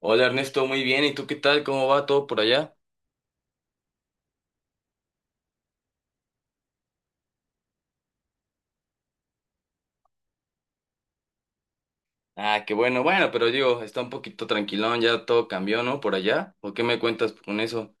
Hola Ernesto, muy bien. ¿Y tú qué tal? ¿Cómo va todo por allá? Ah, qué bueno, bueno, pero digo, está un poquito tranquilón, ya todo cambió, ¿no? Por allá. ¿O qué me cuentas con eso?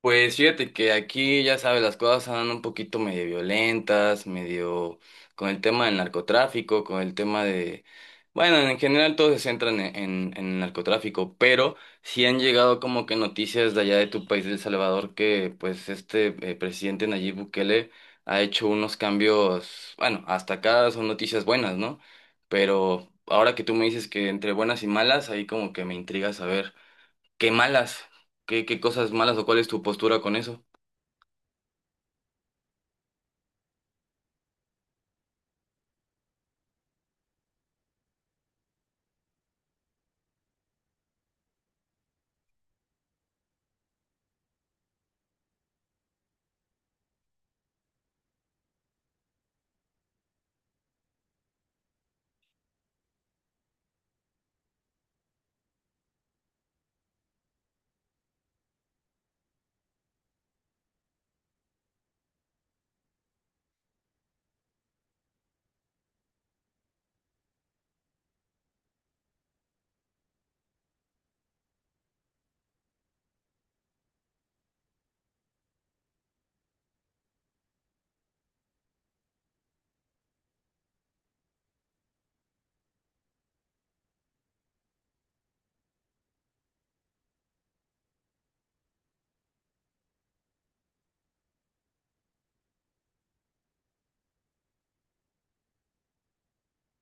Pues fíjate que aquí, ya sabes, las cosas andan un poquito medio violentas, medio con el tema del narcotráfico, con el tema de... Bueno, en general todos se centran en el narcotráfico, pero sí han llegado como que noticias de allá de tu país, de El Salvador, que pues este presidente Nayib Bukele ha hecho unos cambios, bueno, hasta acá son noticias buenas, ¿no? Pero ahora que tú me dices que entre buenas y malas, ahí como que me intriga saber qué malas, qué cosas malas o cuál es tu postura con eso.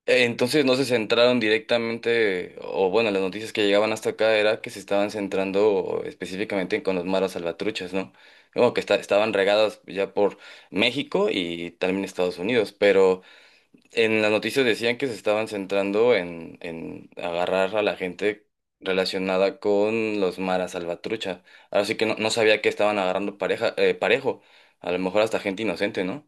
Entonces no se centraron directamente, o bueno, las noticias que llegaban hasta acá era que se estaban centrando específicamente con los maras salvatruchas, ¿no? Como que estaban regadas ya por México y también Estados Unidos, pero en las noticias decían que se estaban centrando en agarrar a la gente relacionada con los maras salvatrucha. Ahora sí que no sabía que estaban agarrando pareja, parejo, a lo mejor hasta gente inocente, ¿no?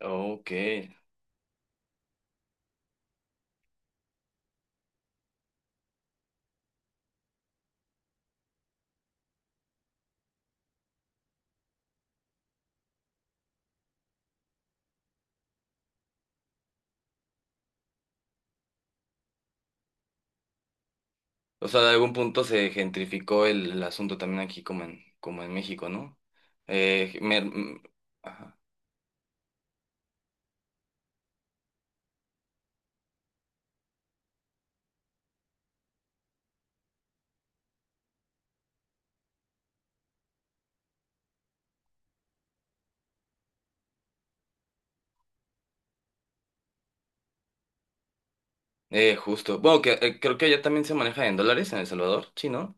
Ok. O sea, de algún punto se gentrificó el asunto también aquí como en, como en México, ¿no? Eh, me- m- ajá. Justo. Bueno, que, creo que allá también se maneja en dólares en El Salvador, sí, ¿no?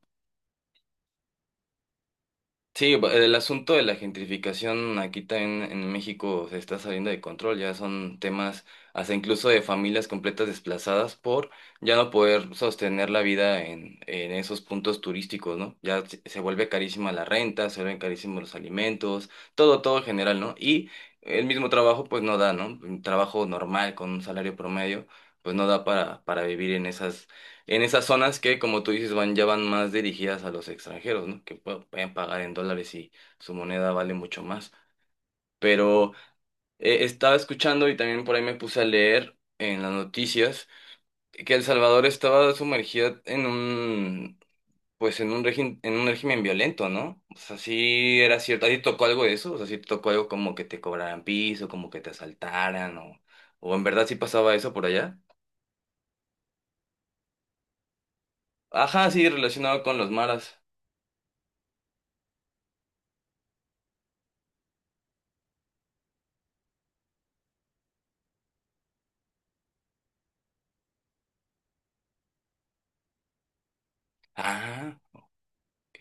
Sí, el asunto de la gentrificación aquí también en México se está saliendo de control, ya son temas hasta incluso de familias completas desplazadas por ya no poder sostener la vida en esos puntos turísticos, ¿no? Ya se vuelve carísima la renta, se vuelven carísimos los alimentos, todo en general, ¿no? Y el mismo trabajo pues no da, ¿no? Un trabajo normal con un salario promedio pues no da para vivir en esas zonas que, como tú dices, ya van más dirigidas a los extranjeros, ¿no? Que pueden pagar en dólares y su moneda vale mucho más. Pero estaba escuchando y también por ahí me puse a leer en las noticias que El Salvador estaba sumergida pues en un régimen violento, ¿no? O sea, sí era cierto. ¿A ti te tocó algo de eso? O sea, sí te tocó algo como que te cobraran piso, como que te asaltaran o en verdad sí pasaba eso por allá. Ajá, sí, relacionado con los maras. Ah. Ok.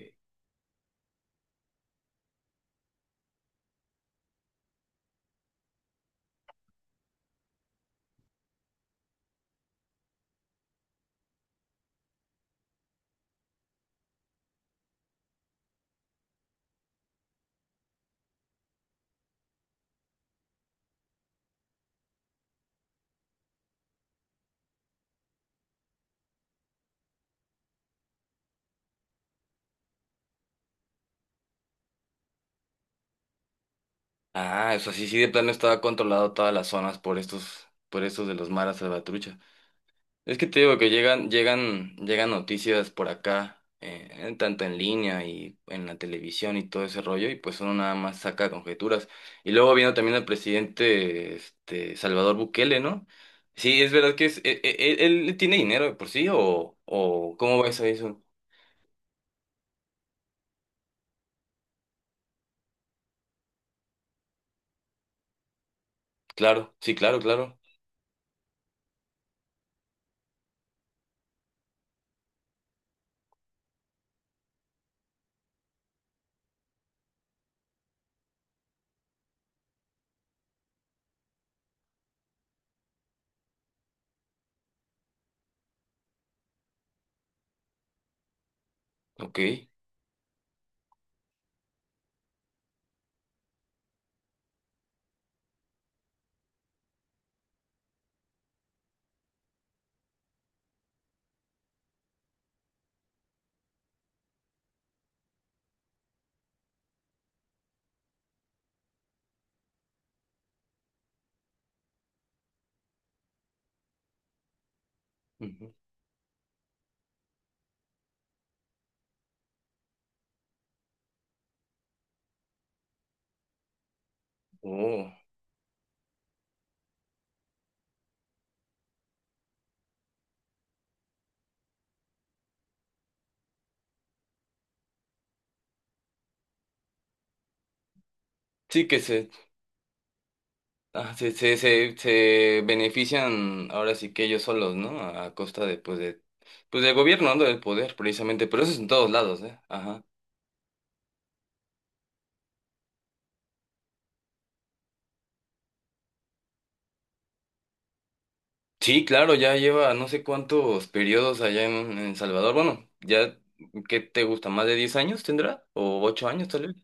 Ah, eso sí, sí, de plano estaba controlado todas las zonas por por estos de los maras salvatrucha. Es que te digo que llegan noticias por acá, tanto en línea y en la televisión y todo ese rollo, y pues uno nada más saca conjeturas. Y luego viendo también al presidente, este, Salvador Bukele, ¿no? Sí, es verdad que es, e- e- e- él tiene dinero de por sí, o ¿cómo ves a eso? Claro, sí, claro, claro. Ok. Ujú. Oh. Sí, que se, ah, se benefician ahora sí que ellos solos, ¿no? A costa de, pues del gobierno, ¿no? Del poder, precisamente. Pero eso es en todos lados, ¿eh? Ajá. Sí, claro, ya lleva no sé cuántos periodos allá en Salvador. Bueno, ya, ¿qué te gusta? ¿Más de 10 años tendrá? ¿O 8 años tal vez?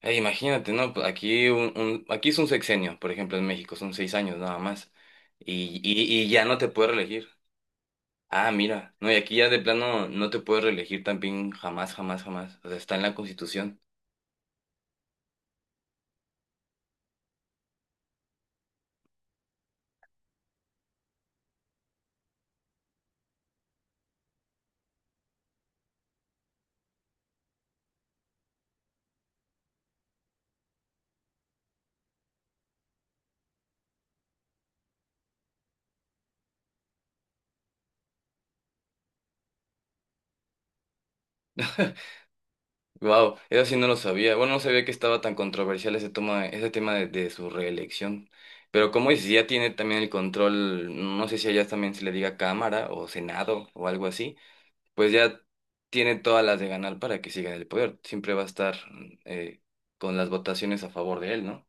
Imagínate, ¿no? Pues aquí, aquí es un sexenio, por ejemplo, en México son 6 años nada más. Y ya no te puedes reelegir. Ah, mira, no, y aquí ya de plano no te puedes reelegir también jamás, jamás, jamás. O sea, está en la Constitución. Wow, eso sí no lo sabía. Bueno, no sabía que estaba tan controversial ese tema de su reelección. Pero como dices, ya tiene también el control, no sé si allá también se le diga Cámara o Senado o algo así, pues ya tiene todas las de ganar para que siga en el poder. Siempre va a estar eh, con las votaciones a favor de él, ¿no?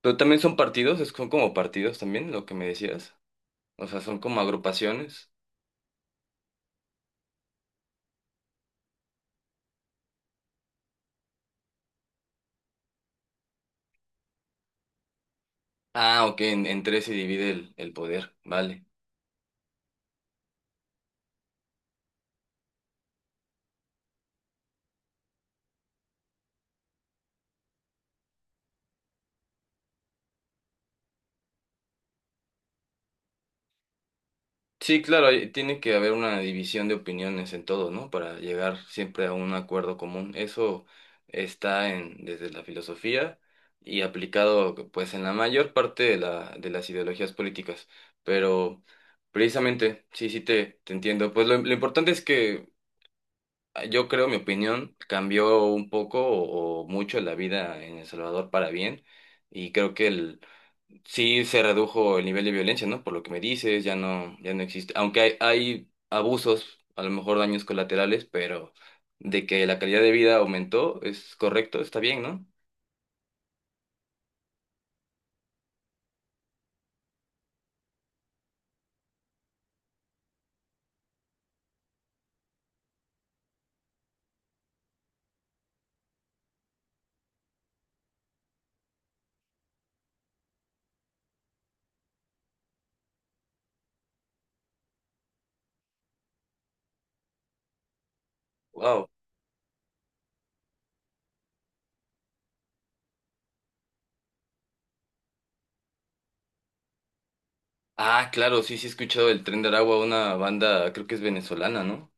Pero también son partidos, son como partidos también, lo que me decías. O sea, son como agrupaciones. Ah, ok, en tres se divide el poder, vale. Sí, claro, tiene que haber una división de opiniones en todo, ¿no? Para llegar siempre a un acuerdo común. Eso está en, desde la filosofía y aplicado pues en la mayor parte de la, de las ideologías políticas. Pero precisamente, sí, te entiendo. Pues lo importante es que yo creo, mi opinión, cambió un poco o mucho la vida en El Salvador para bien. Y creo que sí se redujo el nivel de violencia, ¿no? Por lo que me dices, ya no existe. Aunque hay abusos, a lo mejor daños colaterales, pero de que la calidad de vida aumentó, es correcto, está bien, ¿no? Wow. Ah, claro, sí, sí he escuchado el Tren de Aragua, una banda, creo que es venezolana, ¿no?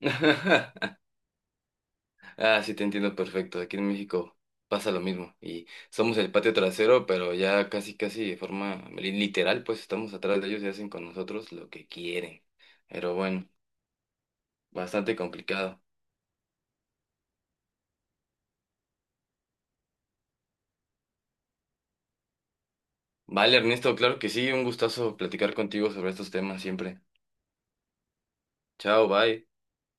Ah, sí te entiendo perfecto. Aquí en México pasa lo mismo. Y somos el patio trasero, pero ya casi, casi de forma literal, pues estamos atrás de ellos y hacen con nosotros lo que quieren. Pero bueno. Bastante complicado. Vale, Ernesto, claro que sí, un gustazo platicar contigo sobre estos temas siempre. Chao, bye.